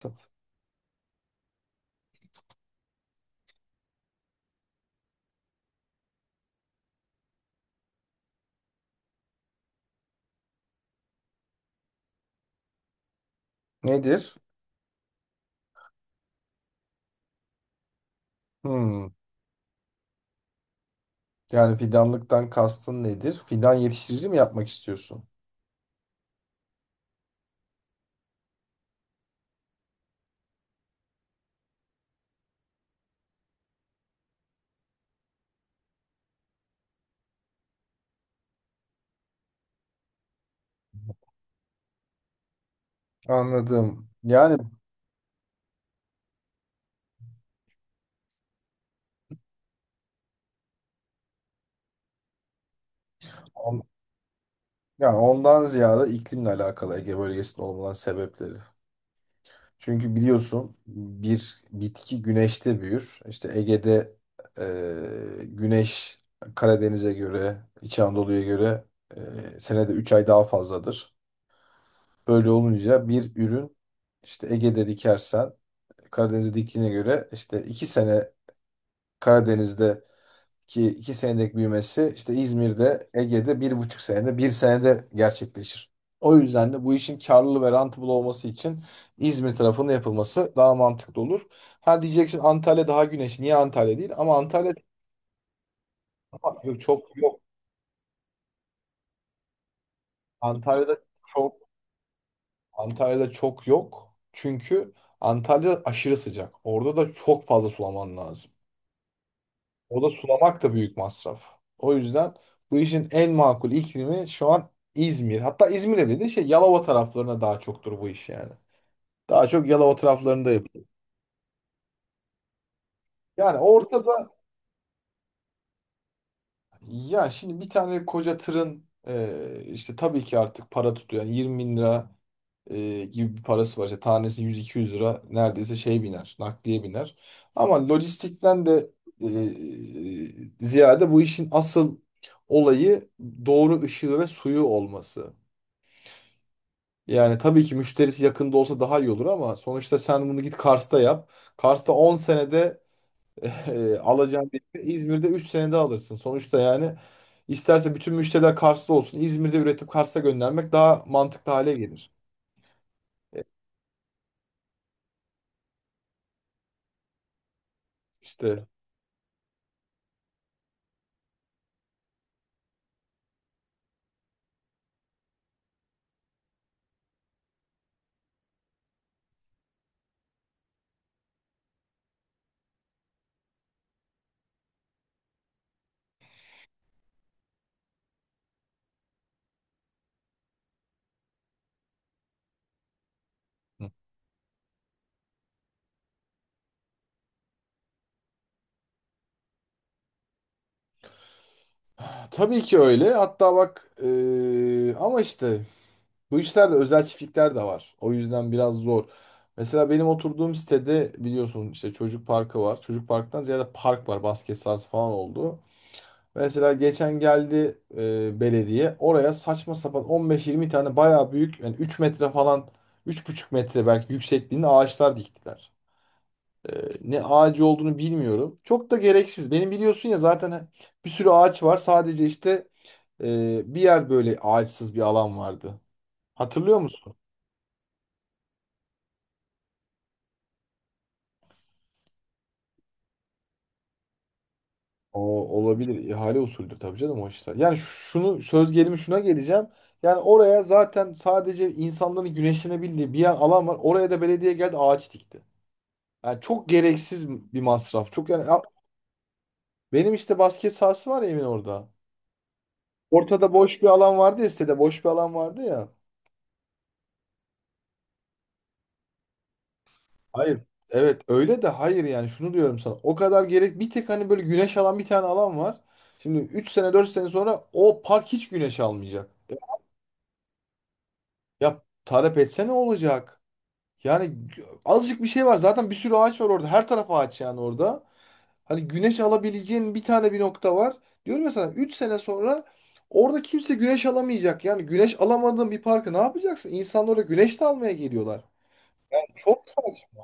Tat. Nedir? Hmm. Yani fidanlıktan kastın nedir? Fidan yetiştirici mi yapmak istiyorsun? Anladım. On- yani ondan ziyade iklimle alakalı Ege bölgesinde olmanın sebepleri. Çünkü biliyorsun bir bitki güneşte büyür. İşte Ege'de güneş Karadeniz'e göre, İç Anadolu'ya göre senede 3 ay daha fazladır. Böyle olunca bir ürün işte Ege'de dikersen Karadeniz'e diktiğine göre işte 2 sene Karadeniz'deki iki senelik büyümesi işte İzmir'de, Ege'de bir buçuk senede, bir senede gerçekleşir. O yüzden de bu işin karlı ve rentable olması için İzmir tarafında yapılması daha mantıklı olur. Ha diyeceksin Antalya daha güneş. Niye Antalya değil? Ama yok, çok yok. Antalya'da çok Antalya'da çok yok. Çünkü Antalya aşırı sıcak. Orada da çok fazla sulaman lazım. O da sulamak da büyük masraf. O yüzden bu işin en makul iklimi şu an İzmir. Hatta İzmir'e bile de şey Yalova taraflarına daha çoktur bu iş yani. Daha çok Yalova taraflarında yapılıyor. Yani orada Ya şimdi bir tane koca tırın işte tabii ki artık para tutuyor. Yani 20 bin lira gibi bir parası var. İşte tanesi 100-200 lira neredeyse şey biner, nakliye biner. Ama lojistikten de ziyade bu işin asıl olayı doğru ışığı ve suyu olması. Yani tabii ki müşterisi yakında olsa daha iyi olur ama sonuçta sen bunu git Kars'ta yap. Kars'ta 10 senede alacağın bir evi İzmir'de 3 senede alırsın. Sonuçta yani isterse bütün müşteriler Kars'ta olsun. İzmir'de üretip Kars'a göndermek daha mantıklı hale gelir. E, İşte Hı. Tabii ki öyle. Hatta bak ama işte bu işlerde özel çiftlikler de var. O yüzden biraz zor. Mesela benim oturduğum sitede biliyorsun işte çocuk parkı var. Çocuk parktan ziyade park var. Basket sahası falan oldu. Mesela geçen geldi belediye oraya saçma sapan 15-20 tane bayağı büyük yani 3 metre falan üç buçuk metre belki yüksekliğinde ağaçlar diktiler. E, Ne ağacı olduğunu bilmiyorum. Çok da gereksiz. Benim biliyorsun ya zaten bir sürü ağaç var. Sadece işte bir yer böyle ağaçsız bir alan vardı. Hatırlıyor musun? O olabilir. İhale usulüdür tabii canım o işler. Yani şunu söz gelimi şuna geleceğim. Yani oraya zaten sadece insanların güneşlenebildiği bir yer alan var. Oraya da belediye geldi ağaç dikti. Yani çok gereksiz bir masraf. Çok yani ya benim işte basket sahası var ya evin orada. Ortada boş bir alan vardı ya sitede boş bir alan vardı ya. Hayır. Evet öyle de hayır yani şunu diyorum sana. O kadar gerek bir tek hani böyle güneş alan bir tane alan var. Şimdi 3 sene 4 sene sonra o park hiç güneş almayacak. Ya talep etse ne olacak? Yani azıcık bir şey var. Zaten bir sürü ağaç var orada. Her taraf ağaç yani orada. Hani güneş alabileceğin bir tane bir nokta var. Diyorum ya sana 3 sene sonra orada kimse güneş alamayacak. Yani güneş alamadığın bir parkı ne yapacaksın? İnsanlar oraya güneş de almaya geliyorlar. Çok saçma.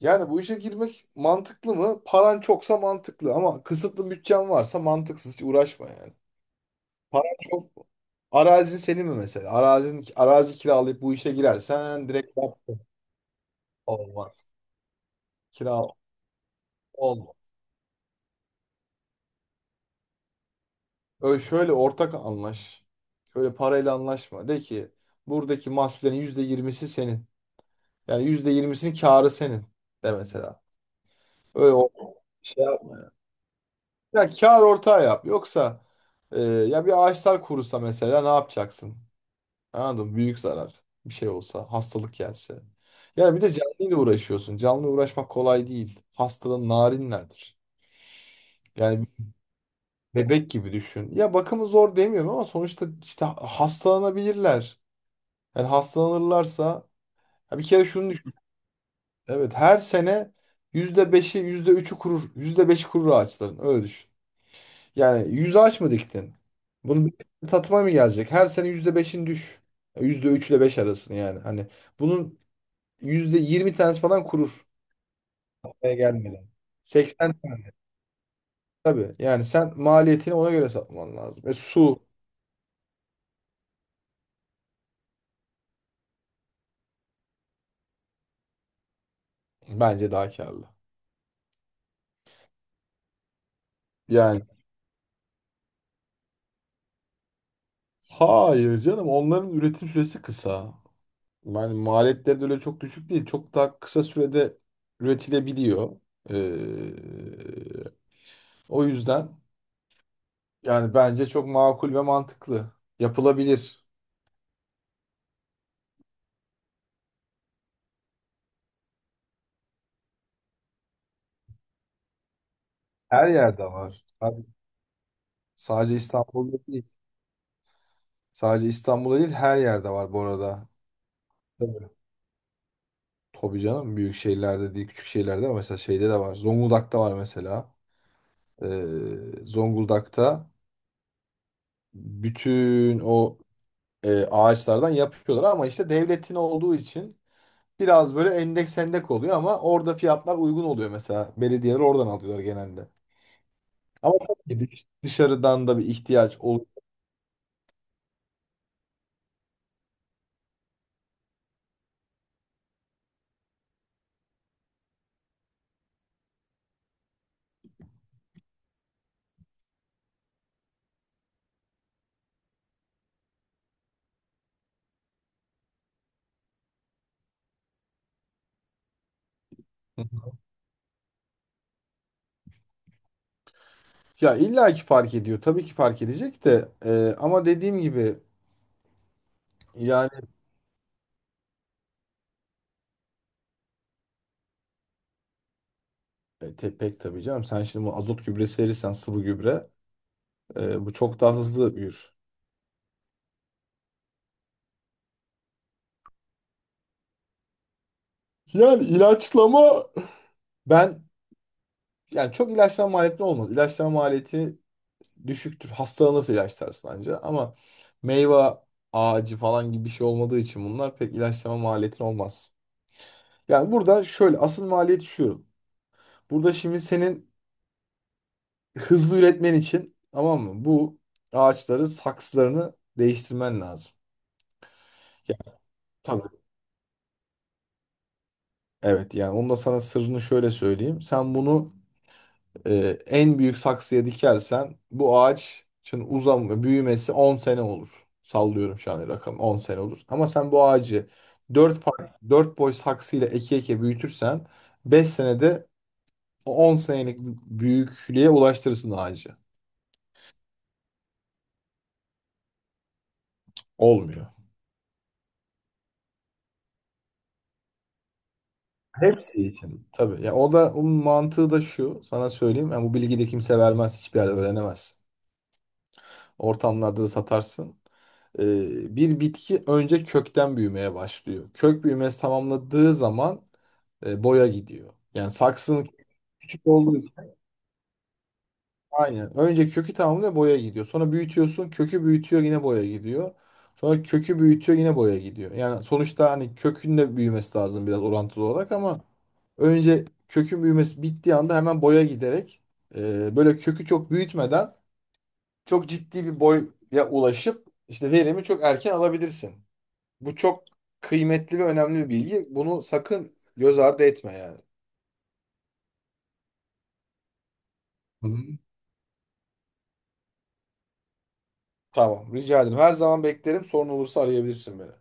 Yani bu işe girmek mantıklı mı? Paran çoksa mantıklı ama kısıtlı bütçen varsa mantıksız. Hiç uğraşma yani. Paran çok Arazin senin mi mesela? Arazi kiralayıp bu işe girersen direkt yap. Olmaz. Kira olmaz. Öyle şöyle ortak anlaş. Şöyle parayla anlaşma. De ki buradaki mahsullerin yüzde yirmisi senin. Yani yüzde yirmisinin karı senin de mesela. Öyle o şey yapma ya. Ya kar ortağı yap. Yoksa ya bir ağaçlar kurusa mesela ne yapacaksın? Anladın mı? Büyük zarar. Bir şey olsa, hastalık gelse. Yani bir de canlıyla uğraşıyorsun. Canlı uğraşmak kolay değil. Hastalığın narinlerdir. Yani bebek gibi düşün. Ya bakımı zor demiyorum ama sonuçta işte hastalanabilirler. Yani hastalanırlarsa ya bir kere şunu düşün. Evet her sene yüzde beşi yüzde üçü kurur. %5'i kurur ağaçların. Öyle düşün. Yani 100 ağaç mı diktin? Bunun bir tatıma mı gelecek? Her sene yüzde beşin düş. %3 ile 5 arasını yani. Hani bunun %20 tanesi falan kurur. Oraya gelmeden. 80 tane. Tabii. Yani sen maliyetini ona göre satman lazım. E su Bence daha karlı. Yani hayır canım onların üretim süresi kısa. Yani maliyetleri de öyle çok düşük değil. Çok daha kısa sürede üretilebiliyor. Ee, O yüzden yani bence çok makul ve mantıklı. Yapılabilir. Her yerde var. Abi, sadece İstanbul'da değil. Sadece İstanbul'da değil her yerde var bu arada. Tabii. Tabii canım büyük şehirlerde değil küçük şehirlerde ama mesela şeyde de var. Zonguldak'ta var mesela. Zonguldak'ta bütün o ağaçlardan yapıyorlar ama işte devletin olduğu için biraz böyle endeks oluyor ama orada fiyatlar uygun oluyor mesela. Belediyeler oradan alıyorlar genelde. Ama tabii ki dışarıdan da bir ihtiyaç oluyor. Ya illa ki fark ediyor. Tabii ki fark edecek de ama dediğim gibi yani pek tabii canım. Sen şimdi bu azot gübresi verirsen sıvı gübre bu çok daha hızlı büyür. Yani ilaçlama ben yani çok ilaçlama maliyetli olmaz. İlaçlama maliyeti düşüktür. Hastalanırsa ilaçlarsın anca. Ama meyve ağacı falan gibi bir şey olmadığı için bunlar pek ilaçlama maliyetin olmaz. Yani burada şöyle asıl maliyet şu. Burada şimdi senin hızlı üretmen için tamam mı? Bu ağaçları saksılarını değiştirmen lazım. Ya, tabii. Evet yani onu da sana sırrını şöyle söyleyeyim. Sen bunu En büyük saksıya dikersen bu ağaçın uzam büyümesi 10 sene olur. Sallıyorum şu an rakam 10 sene olur. Ama sen bu ağacı 4 farklı 4 boy saksıyla eke eke büyütürsen 5 senede o 10 senelik büyüklüğe ulaştırırsın ağacı. Olmuyor. Hepsi için. Tabii. Ya o da onun mantığı da şu. Sana söyleyeyim. Yani bu bilgiyi de kimse vermez. Hiçbir yerde öğrenemezsin. Ortamlarda da satarsın. Bir bitki önce kökten büyümeye başlıyor. Kök büyümesi tamamladığı zaman boya gidiyor. Yani saksının küçük olduğu için aynen. Önce kökü tamamlıyor boya gidiyor. Sonra büyütüyorsun kökü büyütüyor yine boya gidiyor. Sonra kökü büyütüyor yine boya gidiyor. Yani sonuçta hani kökün de büyümesi lazım biraz orantılı olarak ama önce kökün büyümesi bittiği anda hemen boya giderek böyle kökü çok büyütmeden çok ciddi bir boya ulaşıp işte verimi çok erken alabilirsin. Bu çok kıymetli ve önemli bir bilgi. Bunu sakın göz ardı etme yani. Hı hı. Tamam, rica ederim. Her zaman beklerim. Sorun olursa arayabilirsin beni.